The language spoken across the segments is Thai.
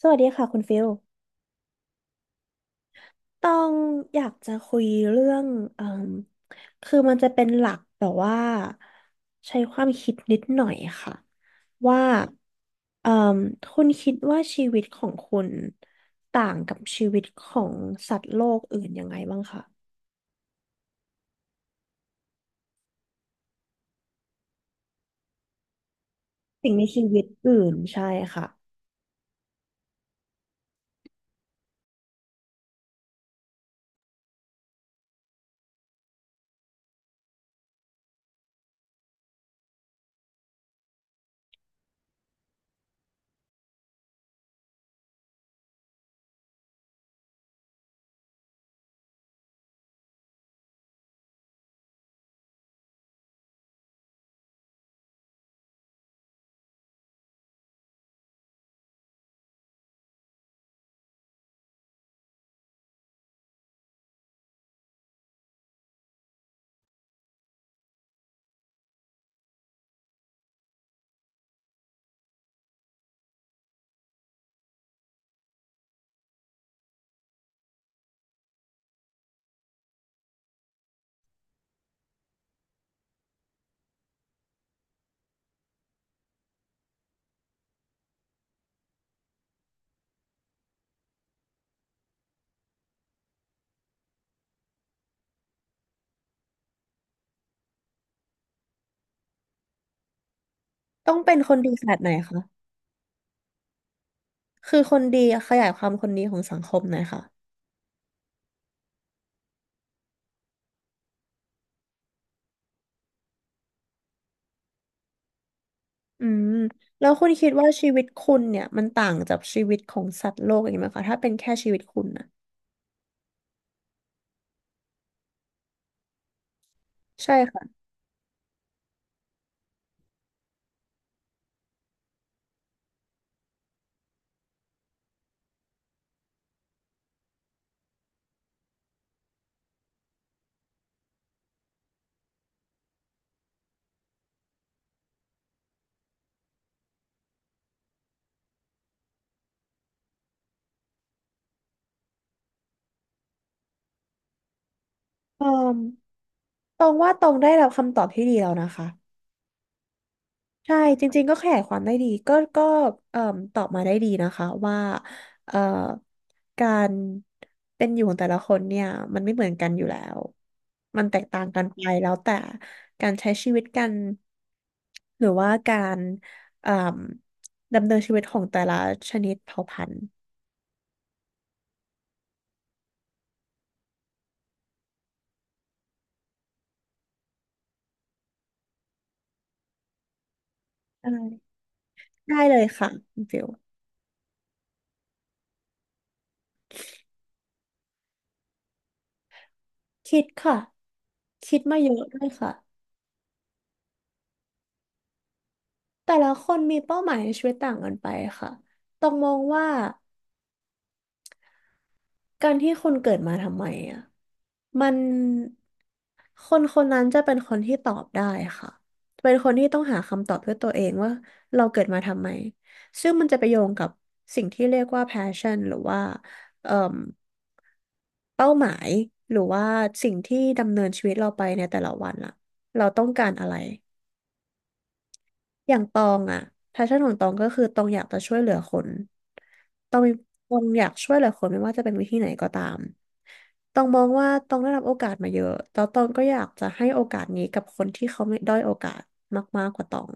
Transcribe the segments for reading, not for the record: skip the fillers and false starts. สวัสดีค่ะคุณฟิลต้องอยากจะคุยเรื่องเอ่มคือมันจะเป็นหลักแบบว่าใช้ความคิดนิดหน่อยค่ะว่าเอ่มคุณคิดว่าชีวิตของคุณต่างกับชีวิตของสัตว์โลกอื่นยังไงบ้างคะสิ่งในชีวิตอื่นใช่ค่ะต้องเป็นคนดีขนาดไหนคะคือคนดีขยายความคนดีของสังคมหน่อยค่ะ อืมแล้วคุณคิดว่าชีวิตคุณเนี่ยมันต่างจากชีวิตของสัตว์โลกอย่างนี้ไหมคะถ้าเป็นแค่ชีวิตคุณนะใช่ค่ะอออตรงว่าตรงได้รับคำตอบที่ดีแล้วนะคะใช่จริงๆก็ขยายความได้ดีก็เอ่มตอบมาได้ดีนะคะว่าเอ่อการเป็นอยู่ของแต่ละคนเนี่ยมันไม่เหมือนกันอยู่แล้วมันแตกต่างกันไปแล้วแต่การใช้ชีวิตกันหรือว่าการเอ่มดำเนินชีวิตของแต่ละชนิดเผ่าพันธุ์ ได้ได้เลยค่ะคุณฟิลคิดค่ะคิดมาเยอะด้วยค่ะแต่ละคนมีเป้าหมายในชีวิตต่างกันไปค่ะต้องมองว่า การที่คนเกิดมาทำไมอ่ะมันคนคนนั้นจะเป็นคนที่ตอบได้ค่ะเป็นคนที่ต้องหาคำตอบด้วยตัวเองว่าเราเกิดมาทำไมซึ่งมันจะไปโยงกับสิ่งที่เรียกว่า passion หรือว่าเอ่มเป้าหมายหรือว่าสิ่งที่ดำเนินชีวิตเราไปในแต่ละวันล่ะเราต้องการอะไร อย่างตองอะแพชชั่นของตองก็คือตองอยากจะช่วยเหลือคนตองมีตองอยากช่วยเหลือคนไม่ว่าจะเป็นวิธีไหนก็ตามตองมองว่าตองได้รับโอกาสมาเยอะแล้วตองก็อยากจะให้โอกาสนี้กับคนที่เขาไม่ด้อยโอกาสมากๆกว่าตอง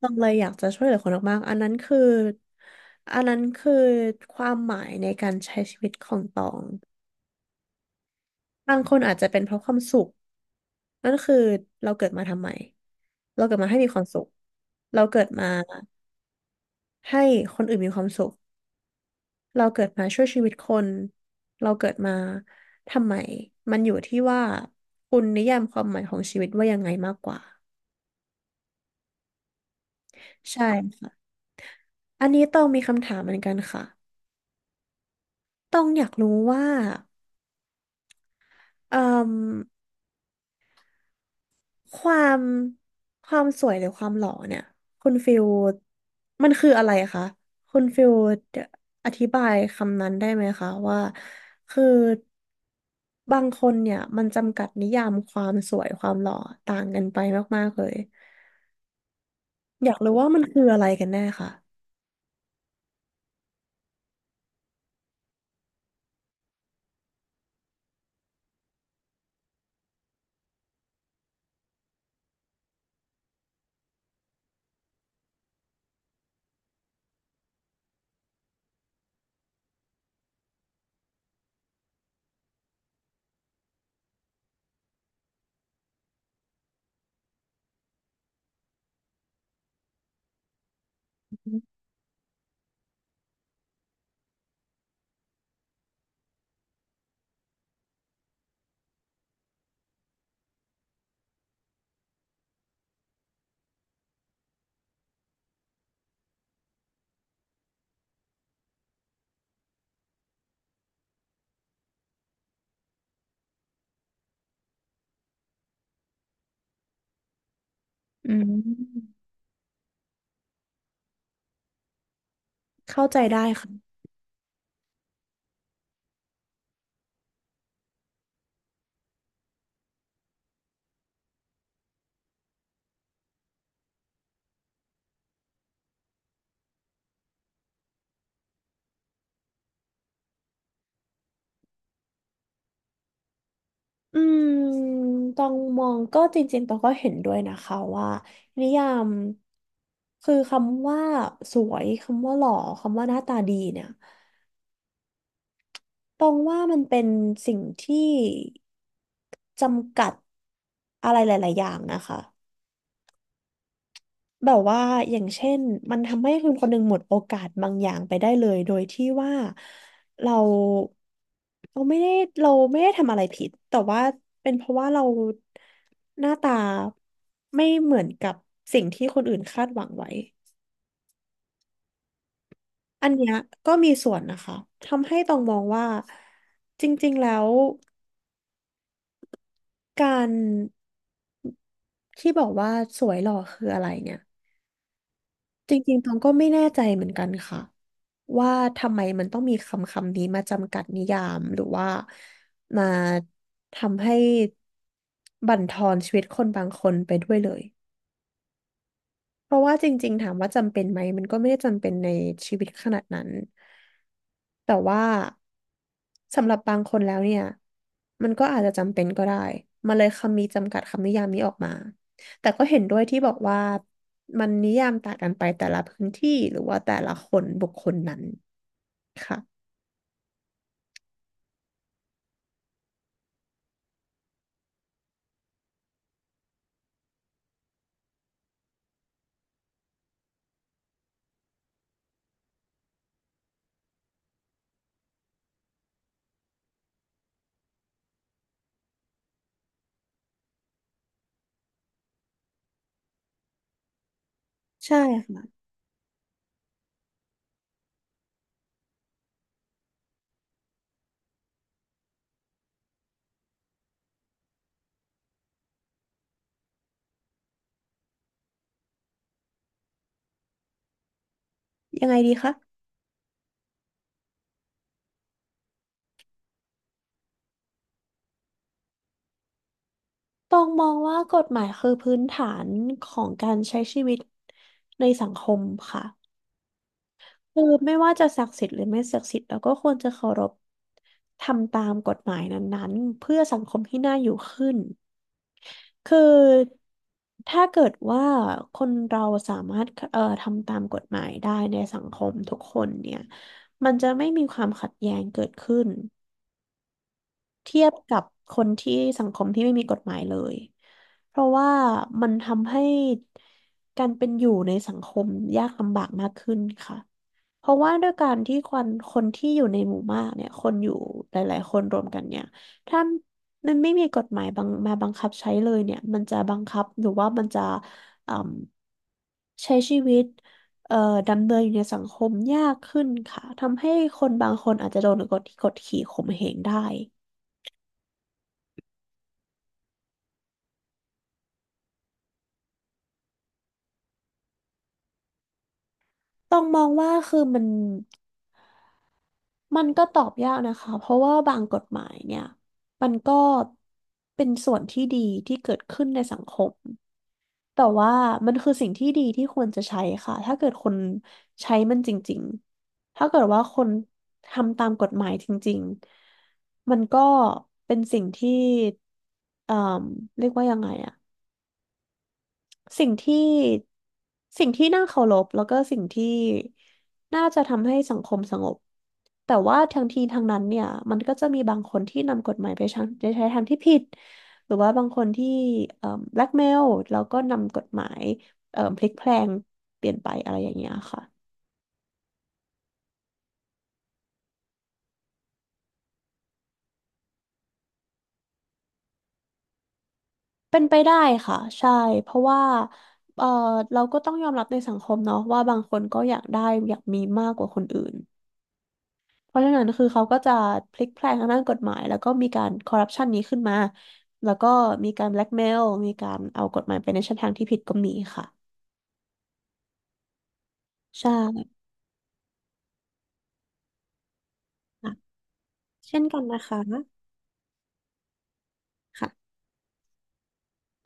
ตองเลยอยากจะช่วยเหลือคนมากๆอันนั้นคือความหมายในการใช้ชีวิตของตองบางคนอาจจะเป็นเพราะความสุขนั่นคือเราเกิดมาทำไมเราเกิดมาให้มีความสุขเราเกิดมา ให้คนอื่นมีความสุข เราเกิดมาช่วยชีวิตคน เราเกิดมาทำไม มันอยู่ที่ว่าคุณนิยามความหมายของชีวิตว่ายังไงมากกว่าใช่ค่ะอันนี้ต้องมีคำถามเหมือนกันค่ะ ต้องอยากรู้ว่าเอ่อ ความความสวยหรือความหล่อเนี่ยคุณฟิลมันคืออะไรคะคุณฟิลอธิบายคำนั้นได้ไหมคะว่าคือบางคนเนี่ยมันจำกัดนิยามความสวยความหล่อต่างกันไปมากๆเลยอยากรู้ว่ามันคืออะไรกันแน่ค่ะอืมเข้าใจได้ค่ะ อืมตองมองก็จริงๆตองก็เห็นด้วยนะคะว่านิยามคือคำว่าสวยคำว่าหล่อคำว่าหน้าตาดีเนี่ยตองว่ามันเป็นสิ่งที่จำกัดอะไรหลายๆอย่างนะคะ แบบว่าอย่างเช่นมันทำให้คนคนหนึ่งหมดโอกาสบางอย่างไปได้เลยโดยที่ว่าเราเราไม่ได้เราไม่ได้ทำอะไรผิดแต่ว่าเป็นเพราะว่าเราหน้าตาไม่เหมือนกับสิ่งที่คนอื่นคาดหวังไว้อันเนี้ยก็มีส่วนนะคะทำให้ต้องมองว่าจริงๆแล้วการที่บอกว่าสวยหล่อคืออะไรเนี่ย จริงๆตองก็ไม่แน่ใจเหมือนกันค่ะว่าทำไมมันต้องมีคำคำนี้มาจำกัดนิยามหรือว่ามาทำให้บั่นทอนชีวิตคนบางคนไปด้วยเลย เพราะว่าจริงๆถามว่าจำเป็นไหมมันก็ไม่ได้จำเป็นในชีวิตขนาดนั้นแต่ว่าสำหรับบางคนแล้วเนี่ยมันก็อาจจะจำเป็นก็ได้มาเลยคำนี้จำกัดคำนิยามนี้ออกมาแต่ก็เห็นด้วยที่บอกว่ามันนิยามต่างกันไปแต่ละพื้นที่หรือว่าแต่ละคนบุคคลนั้นค่ะใช่ค่ะยังไงดีคะตองมองว่ากฎหมายคือพื้นฐานของการใช้ชีวิตในสังคมค่ะ คือไม่ว่าจะศักดิ์สิทธิ์หรือไม่ศักดิ์สิทธิ์เราก็ควรจะเคารพทำตามกฎหมายนั้นๆเพื่อสังคมที่น่าอยู่ขึ้นคือถ้าเกิดว่าคนเราสามารถทำตามกฎหมายได้ในสังคมทุกคนเนี่ยมันจะไม่มีความขัดแย้งเกิดขึ้น เทียบกับคนที่สังคมที่ไม่มีกฎหมายเลย เพราะว่ามันทำให้การเป็นอยู่ในสังคมยากลำบากมากขึ้นค่ะเพราะว่าด้วยการที่คนคนที่อยู่ในหมู่มากเนี่ยคนอยู่หลายๆคนรวมกันเนี่ยถ้ามันไม่มีกฎหมายบังมาบังคับใช้เลยเนี่ยมันจะบังคับหรือว่ามันจะอืมใช้ชีวิตเอ่อดำเนินอยู่ในสังคมยากขึ้นค่ะ ทำให้คนบางคนอาจจะโดนกดขี่ข่มเหงได้ ต้องมองว่าคือมันก็ตอบยากนะคะเพราะว่าบางกฎหมายเนี่ยมันก็เป็นส่วนที่ดีที่เกิดขึ้นในสังคมแต่ว่ามันคือสิ่งที่ดีที่ควรจะใช้ค่ะถ้าเกิดคนใช้มันจริงๆถ้าเกิดว่าคนทำตามกฎหมายจริงๆมันก็เป็นสิ่งที่เอ่อเรียกว่ายังไงอะ สิ่งที่สิ่งที่น่าเคารพแล้วก็สิ่งที่น่าจะทำให้สังคมสงบแต่ว่าทั้งทีทั้งนั้นเนี่ยมันก็จะมีบางคนที่นำกฎหมายไปใช้ทางที่ผิดหรือว่าบางคนที่เอ่อแบล็กเมลแล้วก็นำกฎหมายพลิกแพลงเปลี่ยนไปอะไรอย่างเงี้ยค่ะเป็นไปได้ค่ะใช่เพราะว่าเอ่อเราก็ต้องยอมรับในสังคมเนาะว่าบางคนก็อยากได้อยากมีมากกว่าคนอื่น เพราะฉะนั้นคือเขาก็จะพลิกแพลงทางด้านกฎหมายแล้วก็มีการคอร์รัปชันนี้ขึ้นมาแล้วก็มีการแบล็กเมลมีการเอากฎหมายไปในช่องทางที่ผิดก็มีค่ะใช่ค่ะเช่นกันนะคะค่ะ